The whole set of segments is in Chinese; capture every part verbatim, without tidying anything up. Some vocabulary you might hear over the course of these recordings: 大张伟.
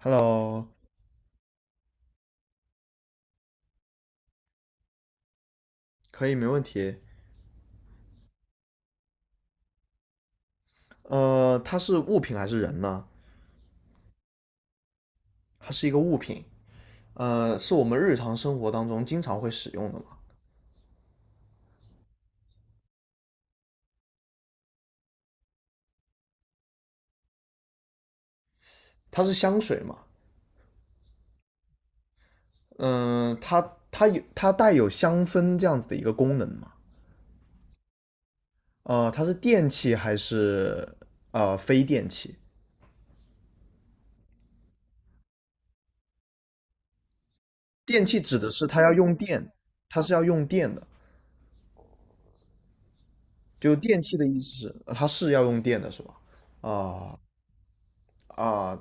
Hello，可以，没问题。呃，它是物品还是人呢？它是一个物品，呃，是我们日常生活当中经常会使用的嘛。它是香水嘛？嗯、它它有它带有香氛这样子的一个功能嘛？呃，它是电器还是呃非电器？电器指的是它要用电，它是要用电的，就电器的意思是呃它是要用电的，是吧？啊、啊、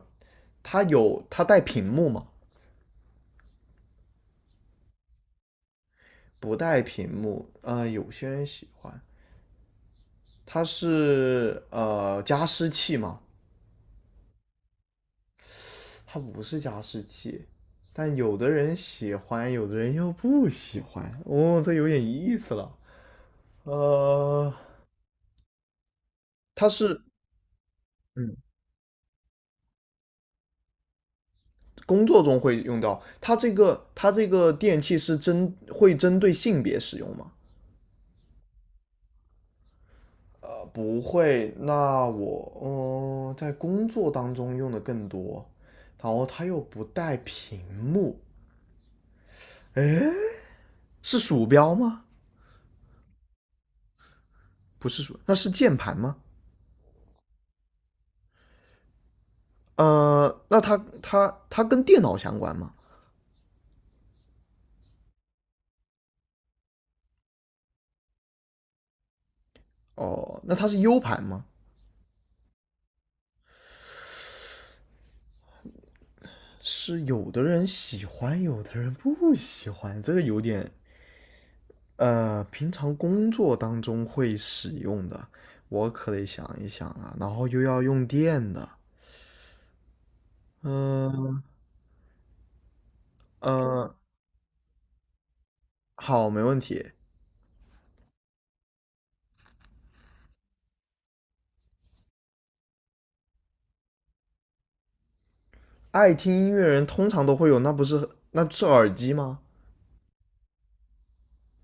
它有它带屏幕嘛？不带屏幕，呃，有些人喜欢。它是呃加湿器嘛，它不是加湿器，但有的人喜欢，有的人又不喜欢。哦，这有点意思了。呃，它是嗯，工作中会用到。它这个它这个电器是针会针对性别使用吗？呃，不会。那我嗯、呃在工作当中用的更多，然后它又不带屏幕。哎。是鼠标吗？不是鼠，那是键盘吗？呃，那它它它跟电脑相关吗？哦，那它是 U 盘吗？是有的人喜欢，有的人不喜欢，这个有点呃，平常工作当中会使用的，我可得想一想啊，然后又要用电的，嗯呃呃好，没问题。爱听音乐人通常都会有，那不是那是耳机吗？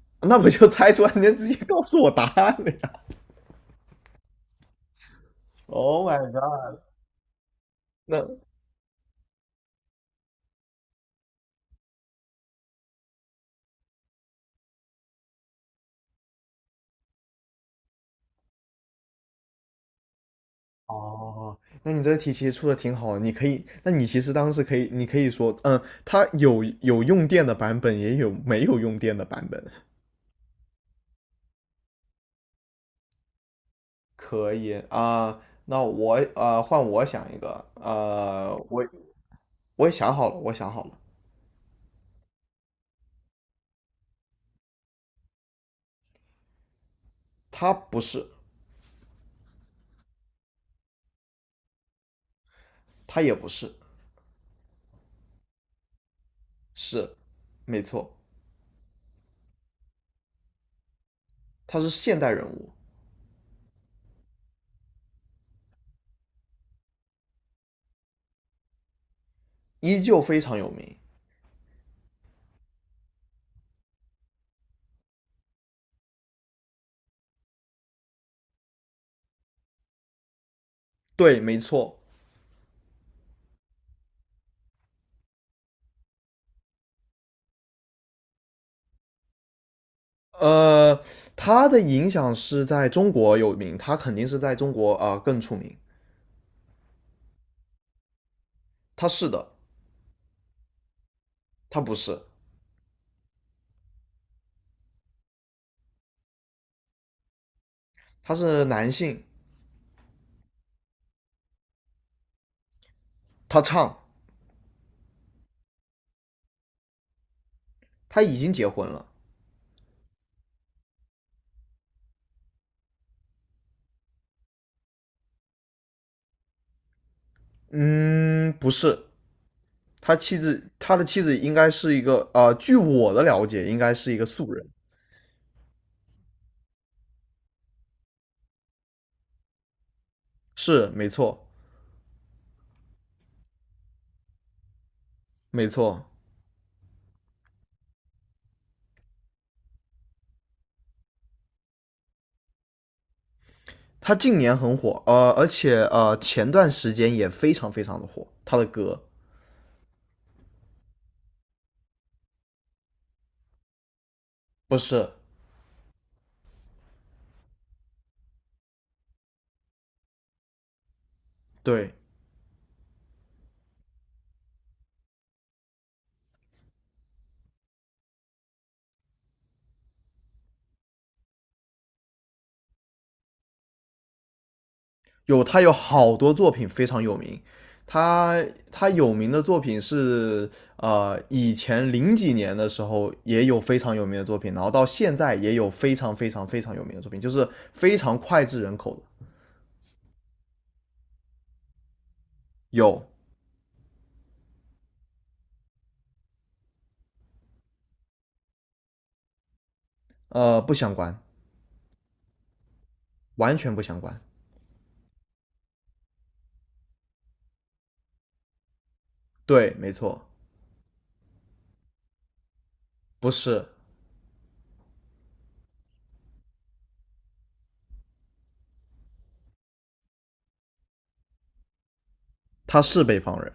那不就猜出来，你直接告诉我答案了呀？Oh my god！那哦，那你这个题其实出的挺好的你可以，那你其实当时可以，你可以说，嗯，它有有用电的版本，也有没有用电的版本。可以啊，那我呃换我想一个，呃，我我也想好了，我想好了，他不是，他也不是，是，没错，他是现代人物，依旧非常有名。对，没错。呃，他的影响是在中国有名，他肯定是在中国啊、呃更出名。他是的，他不是，他是男性，他唱，他已经结婚了。嗯，不是，他妻子，他的妻子应该是一个，呃，据我的了解，应该是一个素人。是，没错，没错。他近年很火，呃，而且呃，前段时间也非常非常的火，他的歌。不是，对，有他有好多作品非常有名，他他有名的作品是呃以前零几年的时候也有非常有名的作品，然后到现在也有非常非常非常有名的作品，就是非常脍炙人口的。有呃不相关，完全不相关。对，没错，不是，他是北方人，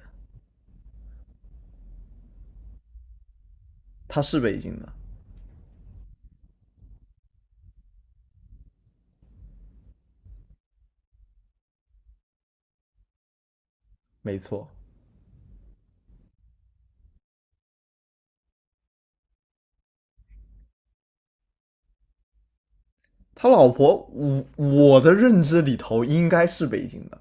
他是北京的，没错。他老婆，我我的认知里头应该是北京的。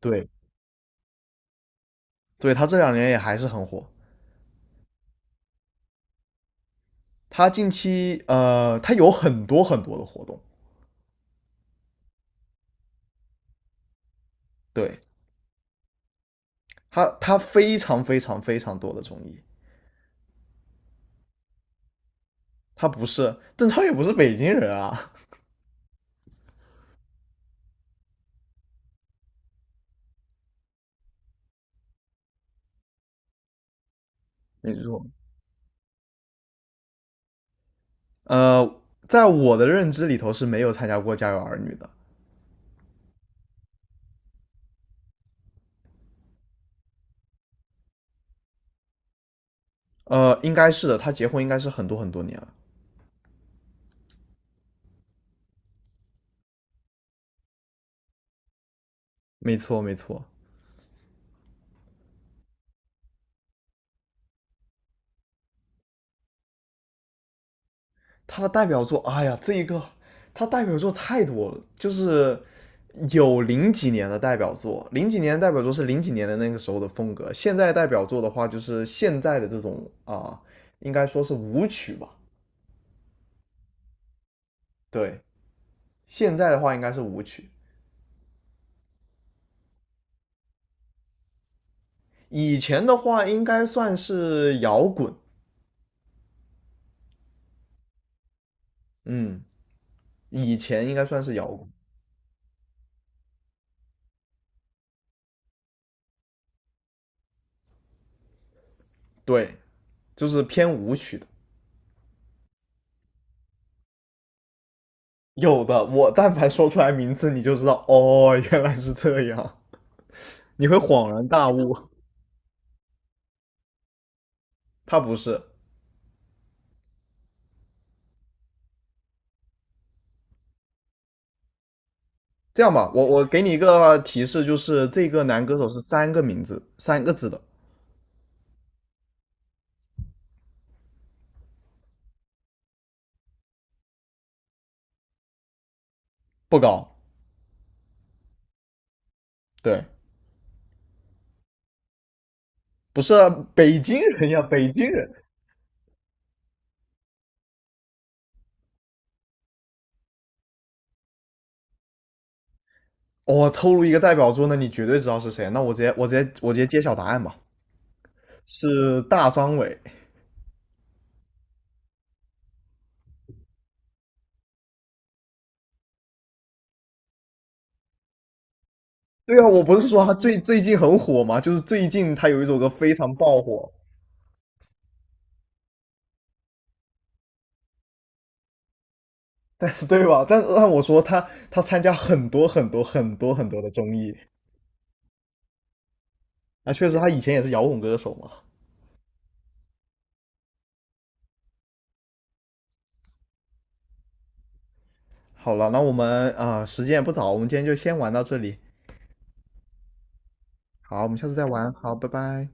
对，对他这两年也还是很火，他近期呃，他有很多很多的活动，对他，他非常非常非常多的综艺。他不是邓超，也不是北京人啊。没错，呃，在我的认知里头是没有参加过《家有儿女》的。呃，应该是的，他结婚应该是很多很多年了。没错，没错。他的代表作，哎呀，这一个他代表作太多了，就是有零几年的代表作，零几年的代表作是零几年的那个时候的风格，现在代表作的话就是现在的这种啊、呃应该说是舞曲吧，对，现在的话应该是舞曲，以前的话应该算是摇滚，嗯，以前应该算是摇滚，对，就是偏舞曲的。有的，我但凡说出来名字，你就知道哦，原来是这样，你会恍然大悟。他不是。这样吧，我我给你一个提示，就是这个男歌手是三个名字，三个字的，不高。对，不是北京人呀，北京人。我、哦透露一个代表作，那你绝对知道是谁。那我直接我直接我直接揭晓答案吧，是大张伟。对啊，我不是说他最最近很火嘛，就是最近他有一首歌非常爆火，对吧？但但我说他他参加很多很多很多很多的综艺，那啊，确实他以前也是摇滚歌手嘛。好了，那我们啊、呃时间也不早，我们今天就先玩到这里。好，我们下次再玩。好，拜拜。